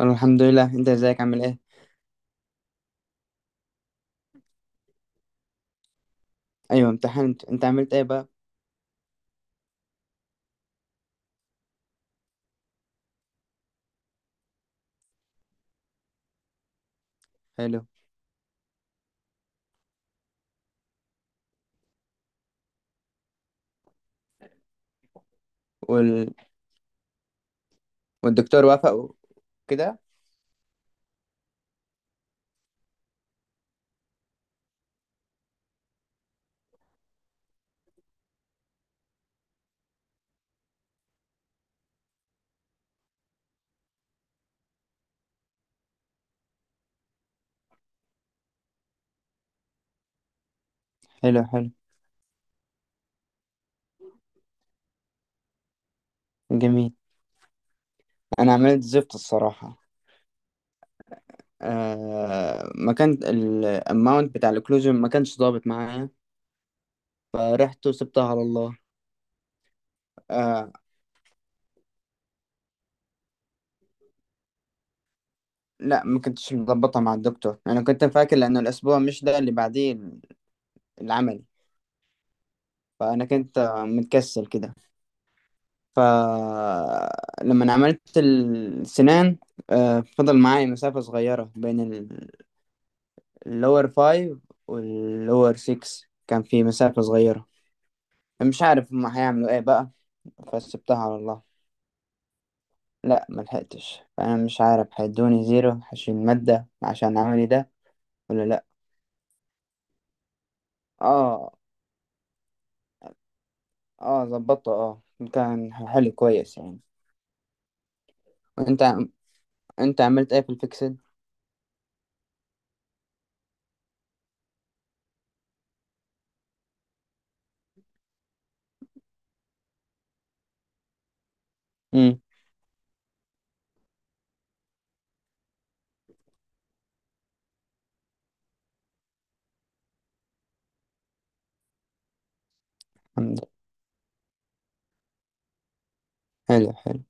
انا الحمد لله، انت ازيك؟ عامل ايه؟ ايوه امتحنت. انت عملت ايه بقى؟ حلو. وال... والدكتور وافق وكده. حلو حلو. جميل. انا عملت زفت الصراحه. ما كان الاماونت بتاع الكلوجن، ما كانش ظابط معايا، فرحت وسبتها على الله. آه... لا، ما كنتش مظبطها مع الدكتور. انا كنت فاكر لانه الاسبوع مش ده اللي بعديه العملي. فانا كنت متكسل كده. فلما عملت السنان، فضل معايا مسافة صغيرة بين اللور فايف واللور سيكس، كان في مسافة صغيرة. مش عارف هما هيعملوا ايه بقى، فسبتها على الله. لا، ملحقتش. فأنا مش عارف هيدوني زيرو، هشيل مادة عشان عملي ده ولا لأ. اه. اه، ظبطته، اه. كان حلو كويس يعني. وانت انت عملت ايه في الفيكسد؟ امم. الحمد لله. حلو حلو.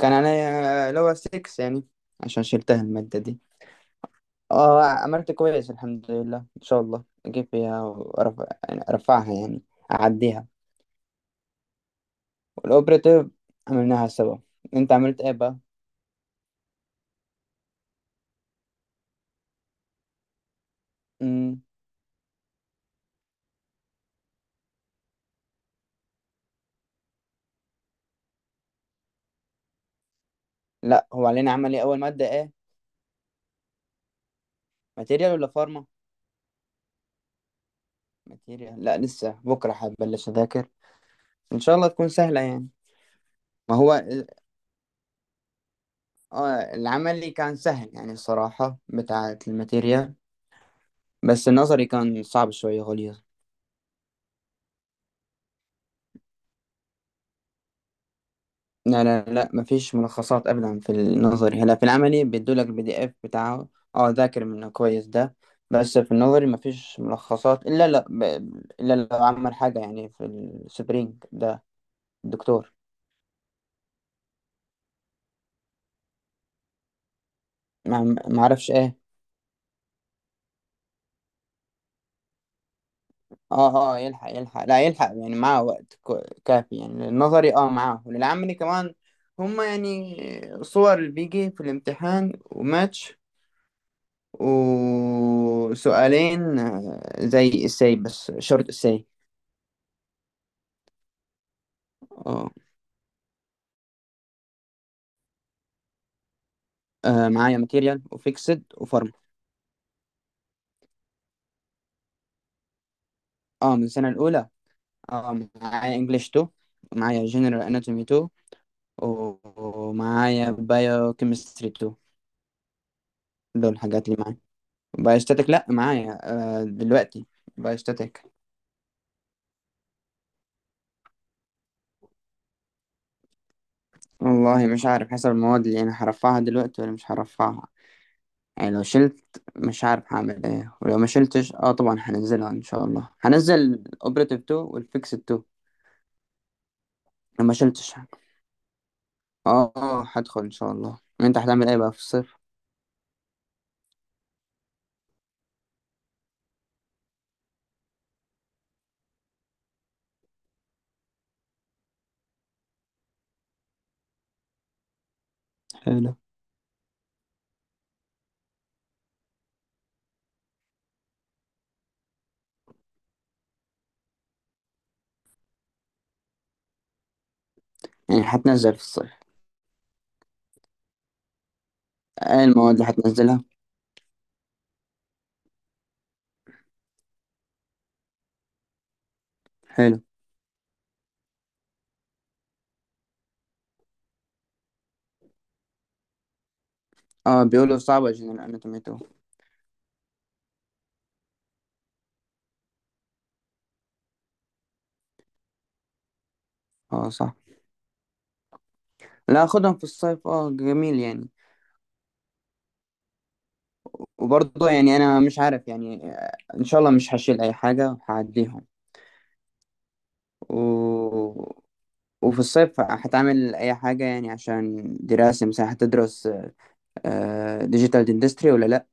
كان عليا اللي هو 6 يعني، عشان شلتها المادة دي. اه، عملت كويس الحمد لله. ان شاء الله اجيب فيها وارفع يعني، ارفعها يعني، اعديها. والاوبريتيف عملناها سوا. انت عملت ايه بقى؟ امم. لا، هو علينا عملي اول مادة ايه؟ ماتيريال ولا فارما؟ ماتيريال. لا لسه، بكرة هبلش اذاكر. ان شاء الله تكون سهلة يعني. ما هو ال- العملي كان سهل يعني الصراحة بتاعة الماتيريال. بس النظري كان صعب شوية، غليظ. لا لا لا، مفيش ملخصات ابدا في النظري. هلا في العملي بيدولك البي دي اف بتاعه، اه، ذاكر منه كويس ده. بس في النظري مفيش ملخصات، الا لا ب... الا لو عمل حاجه يعني في السبرينج ده الدكتور. ما ما اعرفش ايه. اه اه، يلحق يلحق، لا يلحق يعني، معاه وقت كافي يعني. النظري اه معاه وللعملي كمان. هما يعني صور اللي بيجي في الامتحان وماتش، وسؤالين زي السي، بس شورت السي. اه، معايا ماتيريال وفيكسد وفارما. اه، من السنة الأولى. اه، معايا انجلش 2، معايا جنرال اناتومي 2، ومعايا بايو كيمستري 2. دول الحاجات اللي معايا. بايوستاتيك لا معايا، آه دلوقتي بايوستاتيك. والله مش عارف، حسب المواد اللي انا هرفعها دلوقتي ولا مش هرفعها. يعني لو شلت مش عارف هعمل ايه، ولو ما شلتش اه طبعا هنزلها ان شاء الله. هنزل اوبريتيف 2 والفيكسد 2 لو ما شلتش. اه، هدخل ان شاء الله. انت هتعمل ايه بقى في الصيف؟ حلو. يعني هتنزل في الصيف؟ ايه المواد اللي هتنزلها؟ حلو. اه، بيقولوا صعبة جنرال اناتومي 2. اه صح. لا، خدهم في الصيف، اه جميل يعني. وبرضه يعني انا مش عارف يعني، ان شاء الله مش هشيل اي حاجة، هعديهم. و... وفي الصيف هتعمل اي حاجة يعني؟ عشان دراسة مثلا؟ هتدرس ديجيتال اندستري ولا لا؟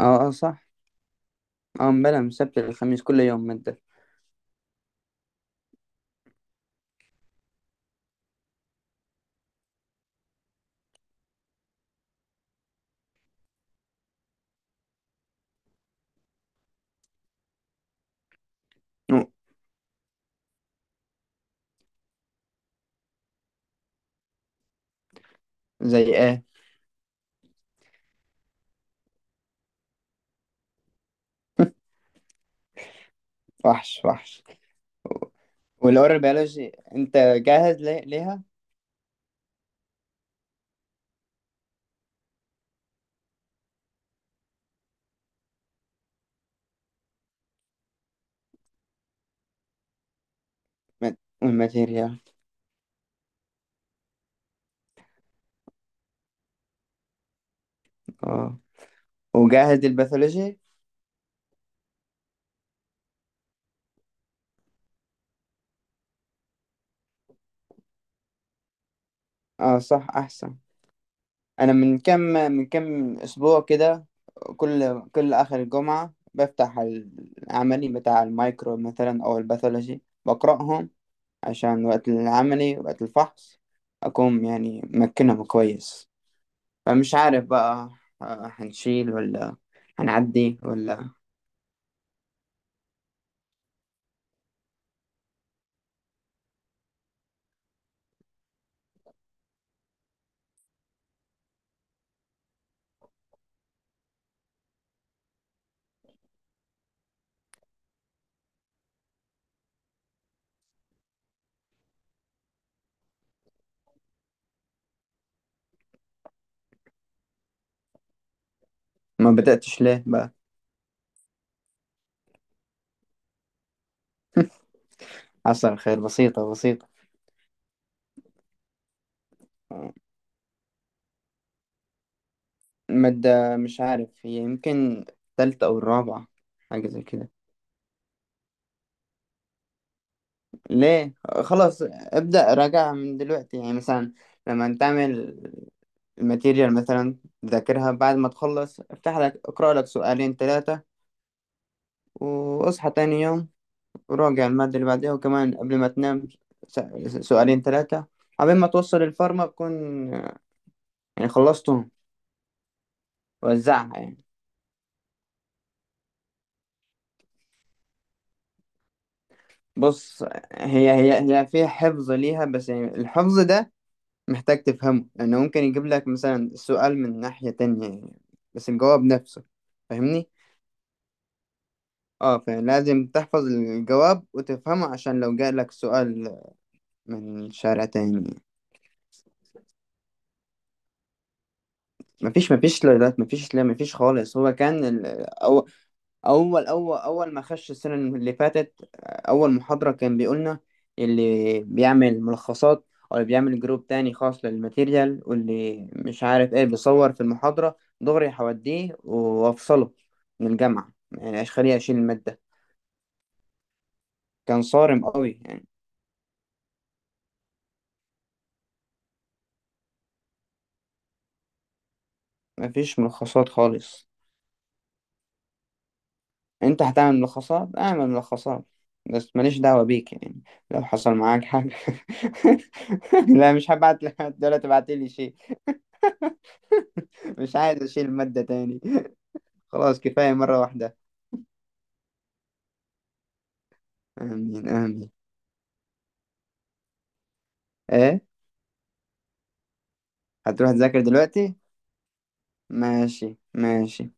اه اه صح. اه بلا، من السبت للخميس كل يوم مادة. أو، زي ايه؟ وحش وحش. والأورال بيولوجي، أنت جاهز ليها؟ والماتيريال؟ اه، وجاهز للباثولوجي؟ اه صح، أحسن. أنا من كم أسبوع كده، كل آخر الجمعة بفتح العملي بتاع المايكرو مثلا أو الباثولوجي، بقرأهم عشان وقت العملي، وقت الفحص، أكون يعني مكنهم كويس. فمش عارف بقى، هنشيل ولا هنعدي ولا. ما بدأتش ليه بقى؟ حصل خير، بسيطة بسيطة. مادة مش عارف، هي يمكن التالتة أو الرابعة، حاجة زي كده. ليه؟ خلاص ابدأ راجعها من دلوقتي يعني، مثلا لما تعمل الماتيريال مثلا، ذاكرها بعد ما تخلص، افتح لك اقرأ لك سؤالين ثلاثة، واصحى تاني يوم وراجع المادة اللي بعدها، وكمان قبل ما تنام س- سؤالين ثلاثة. قبل ما توصل الفارما بكون يعني خلصتهم. وزعها يعني. بص، هي فيها حفظ ليها، بس يعني الحفظ ده محتاج تفهمه، لأنه ممكن يجيب لك مثلا السؤال من ناحية تانية يعني، بس الجواب نفسه، فاهمني؟ اه، فلازم تحفظ الجواب وتفهمه، عشان لو جاء لك سؤال من شارع تاني. مفيش مفيش، لا مفيش، لا مفيش خالص. أو، اول ما خش السنه اللي فاتت اول محاضره، كان بيقولنا اللي بيعمل ملخصات او اللي بيعمل جروب تاني خاص للماتيريال واللي مش عارف ايه بيصور في المحاضره دغري هوديه وافصله من الجامعه، يعني خليه اشيل الماده. كان صارم قوي يعني. مفيش ملخصات خالص. انت هتعمل ملخصات؟ اعمل ملخصات، بس ماليش دعوة بيك يعني. لو حصل معاك حاجة لا، مش هبعت لك دلوقتي تبعتلي شيء. مش عايز اشيل المادة تاني خلاص كفاية مرة واحدة. امين امين. ايه؟ هتروح تذاكر دلوقتي؟ ماشي ماشي.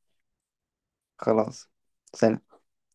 خلاص. سلام.